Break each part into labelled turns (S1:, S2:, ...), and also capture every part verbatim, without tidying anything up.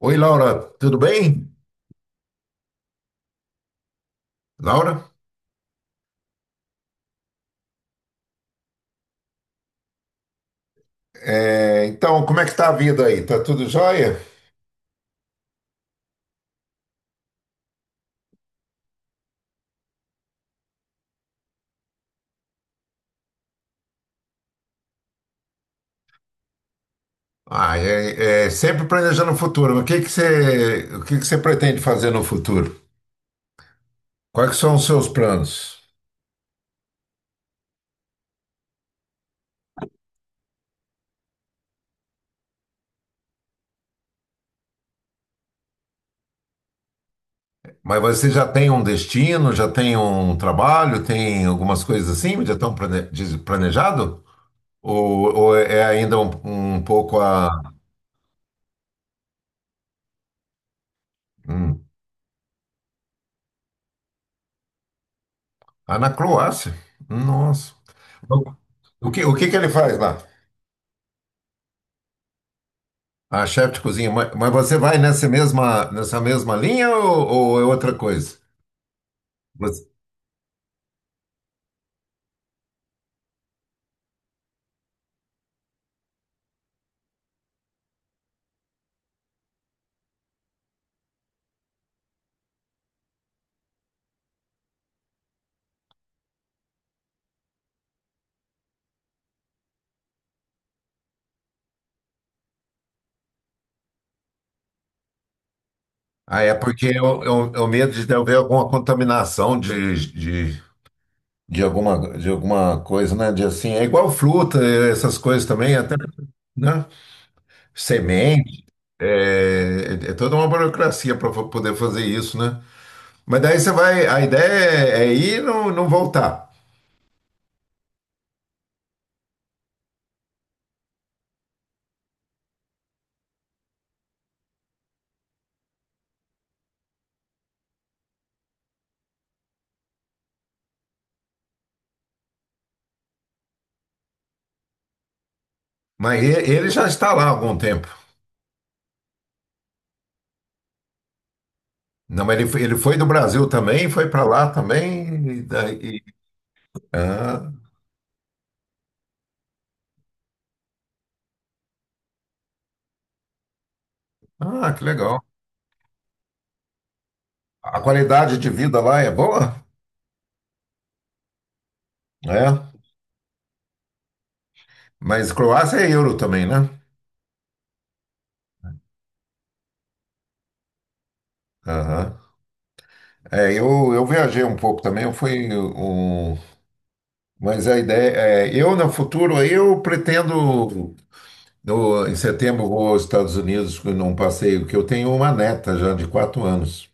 S1: Oi, Laura, tudo bem? Laura? É, então, como é que tá a vida aí? Tá tudo jóia? Ah, é, é sempre planejando o futuro. O que que você, o que que você pretende fazer no futuro? Quais que são os seus planos? Mas você já tem um destino, já tem um trabalho, tem algumas coisas assim, já estão plane- diz- planejado? Ou, ou é é ainda um, um pouco a, hum, ah, na Croácia? Nossa. O que, o que que ele faz lá? A chefe de cozinha. Mas, mas você vai nessa mesma, nessa mesma linha ou, ou é outra coisa? Você- ah, é porque eu, eu, eu medo de haver alguma contaminação de, de, de, alguma, de alguma coisa, né? De assim, é igual fruta, eh, essas coisas também, até, né? Semente. É, é é toda uma burocracia para poder fazer isso, né? Mas daí você vai, a ideia é, é ir e não, não voltar. Mas e- ele já está lá há algum tempo. Não, mas ele, foi- ele foi do Brasil também, foi para lá também. E daí, ah, ah, que legal. A qualidade de vida lá é boa? Né? Mas Croácia é euro também, né? Aham. É, eu, eu viajei um pouco também, eu fui um. Mas a ideia é, eu no futuro, eu pretendo. No, Em setembro vou aos Estados Unidos num passeio, que eu tenho uma neta já de quatro anos.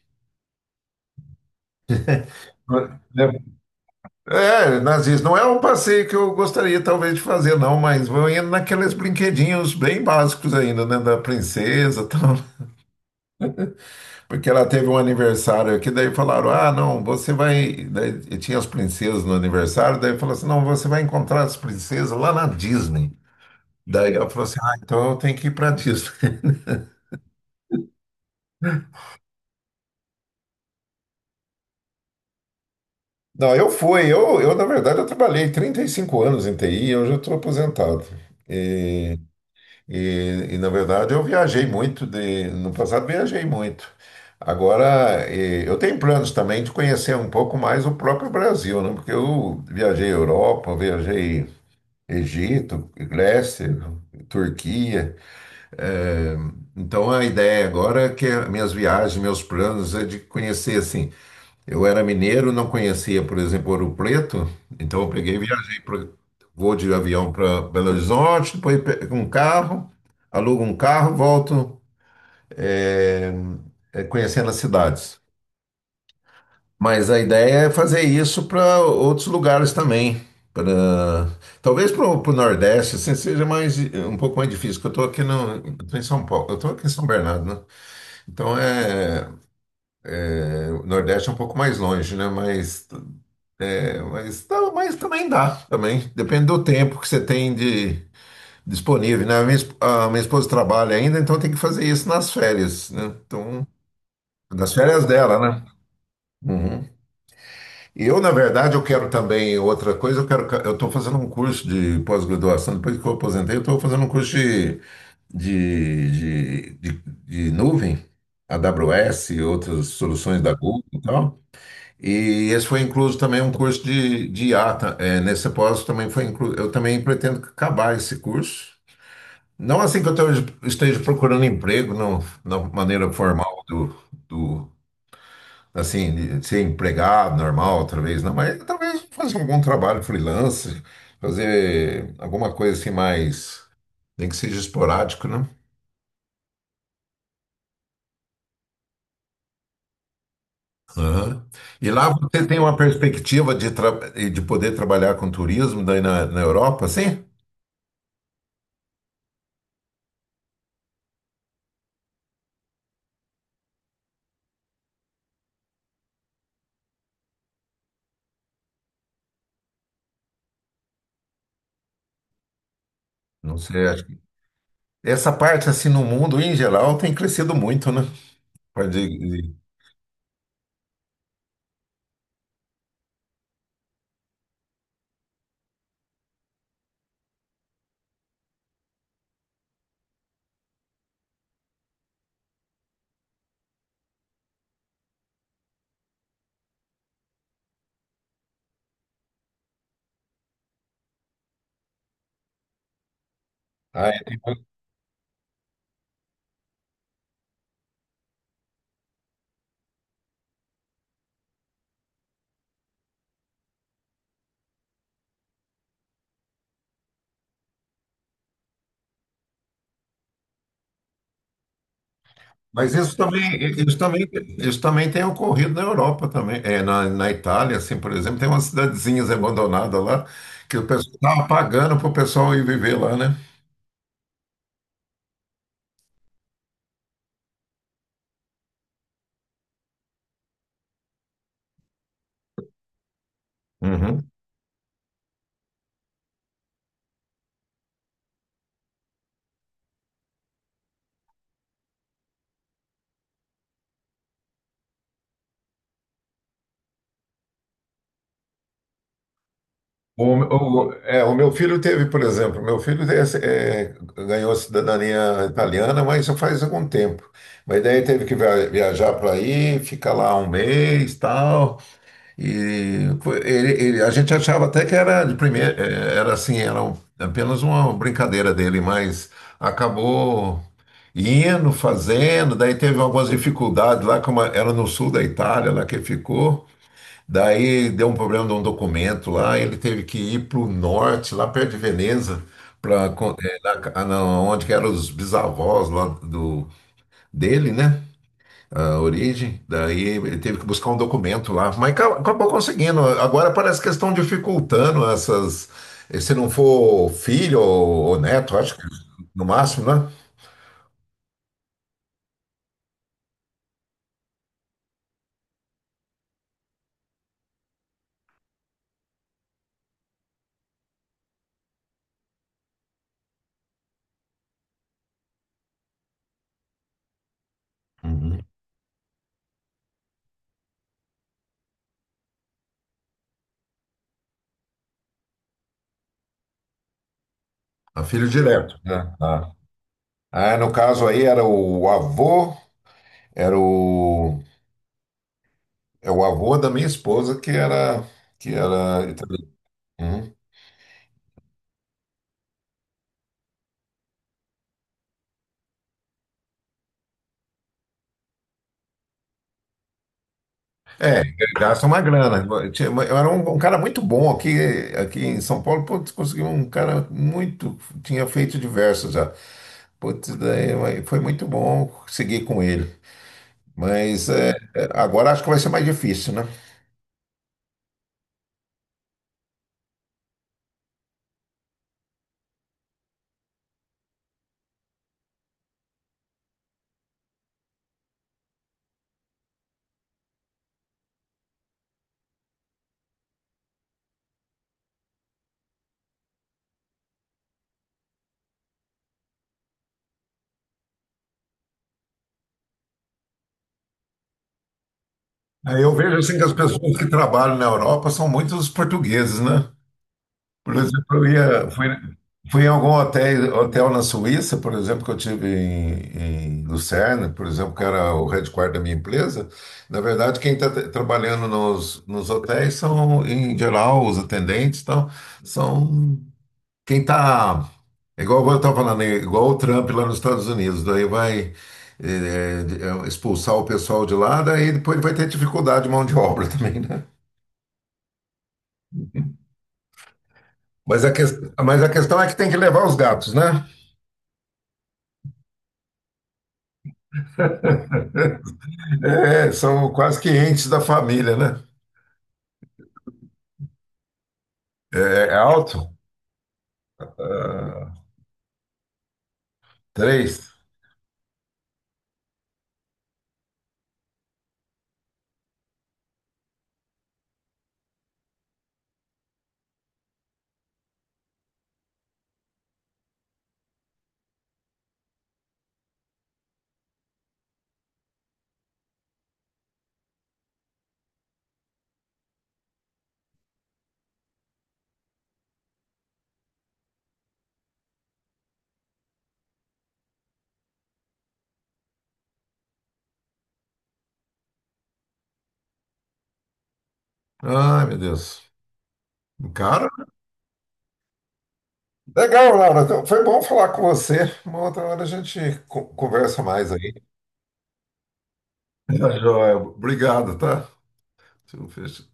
S1: É, nazis, não é um passeio que eu gostaria talvez de fazer, não, mas vou indo naqueles brinquedinhos bem básicos ainda, né, da princesa, e tal, porque ela teve um aniversário aqui, daí falaram, ah, não, você vai, daí tinha as princesas no aniversário, daí falou assim, não, você vai encontrar as princesas lá na Disney. Daí ela falou assim, ah, então eu tenho que ir para Disney. Não, eu fui, eu, eu na verdade eu trabalhei trinta e cinco anos em T I, hoje eu estou aposentado. E, e, na verdade eu viajei muito de, no passado viajei muito. Agora eh, eu tenho planos também de conhecer um pouco mais o próprio Brasil, né? Porque eu viajei Europa, viajei Egito, Grécia, Turquia. eh, então a ideia agora é que minhas viagens, meus planos é de conhecer assim, eu era mineiro, não conhecia, por exemplo, Ouro Preto, então eu peguei e viajei, pra, vou de avião para Belo Horizonte, depois pego um carro, alugo um carro, volto, eh, eh, conhecendo as cidades. Mas a ideia é fazer isso para outros lugares também. Pra, talvez para o Nordeste, assim, seja mais, um pouco mais difícil, porque eu estou aqui no, eu tô em São Paulo, eu estou aqui em São Bernardo, né? Então é, é, o Nordeste é um pouco mais longe, né? Mas é, mas, tá, mas também dá, também. Depende do tempo que você tem de disponível, né? A minha, esp- a minha esposa trabalha ainda, então tem que fazer isso nas férias, né? Então, nas férias dela, né? Uhum. E eu, na verdade, eu quero também outra coisa, eu quero, ca- eu estou fazendo um curso de pós-graduação, depois que eu aposentei, eu estou fazendo um curso de, de, de, de, de nuvem, A W S e outras soluções da Google e tal. E esse foi incluso também um curso de, de I A. Ta- é, nesse pós também foi incluso. Eu também pretendo acabar esse curso. Não assim que eu tô- esteja procurando emprego, não, na maneira formal do, do assim, de ser empregado normal, talvez, não, mas talvez fazer algum trabalho freelance, fazer alguma coisa assim mais, nem que seja esporádico, né? Aham. E lá você tem uma perspectiva de, tra- de poder trabalhar com turismo daí na, na Europa, sim? Não sei, acho que... Essa parte, assim, no mundo em geral tem crescido muito, né? Pode... ir. Ah, é. Mas isso também, isso também, isso também tem ocorrido na Europa também, é, na, na Itália, assim, por exemplo, tem umas cidadezinhas abandonadas lá que o pessoal estava pagando para o pessoal ir viver lá, né? Uhum. O, o- é, o meu filho teve, por exemplo, meu filho é, é, ganhou a cidadania italiana, mas já faz algum tempo. Mas daí teve que via- viajar para aí, ficar lá um mês, tal. E foi- ele, ele- a gente achava até que era de primeira, eh, era assim, era um- apenas uma brincadeira dele, mas acabou indo, fazendo, daí teve algumas dificuldades lá, como era no sul da Itália, lá que ele ficou, daí deu um problema de um documento lá, ele teve que ir para o norte, lá perto de Veneza, para onde que eram os bisavós lá do, dele, né? A origem, daí ele teve que buscar um documento lá, mas ca- acabou conseguindo. Agora parece que estão dificultando essas. Se não for filho ou, ou neto, acho que no máximo, né? Uhum. A filho direto, né? Ah. Ah, no caso aí era o avô, era o, é o avô da minha esposa que era. Que era italiano. Uhum. Gasta uma grana. Eu tinha- eu era um, um cara muito bom aqui, aqui em São Paulo. Putz, conseguiu um cara muito. Tinha feito diversos já. Putz, daí foi muito bom seguir com ele. Mas é, é, agora acho que vai ser mais difícil, né? Aí eu vejo assim que as pessoas que trabalham na Europa são muitos portugueses, né? Por exemplo, eu ia, fui, fui em algum hotel, hotel na Suíça, por exemplo, que eu tive em, em Lucerna, por exemplo, que era o headquarter da minha empresa. Na verdade, quem está trabalhando nos, nos hotéis são, em geral, os atendentes, então, são. Quem tá. É igual eu estava falando, é igual o Trump lá nos Estados Unidos, daí vai, é, é, é, expulsar o pessoal de lá, daí depois ele vai ter dificuldade de mão de obra também, né? Mas a, ques- mas a questão é que tem que levar os gatos, né? É, são quase que entes da família, né? É, é alto? Ah, três. Ai, meu Deus. Cara, legal, Laura. Então, foi bom falar com você. Uma outra hora a gente co- conversa mais aí. Tá joia. Obrigado, tá? Deixa eu fechar.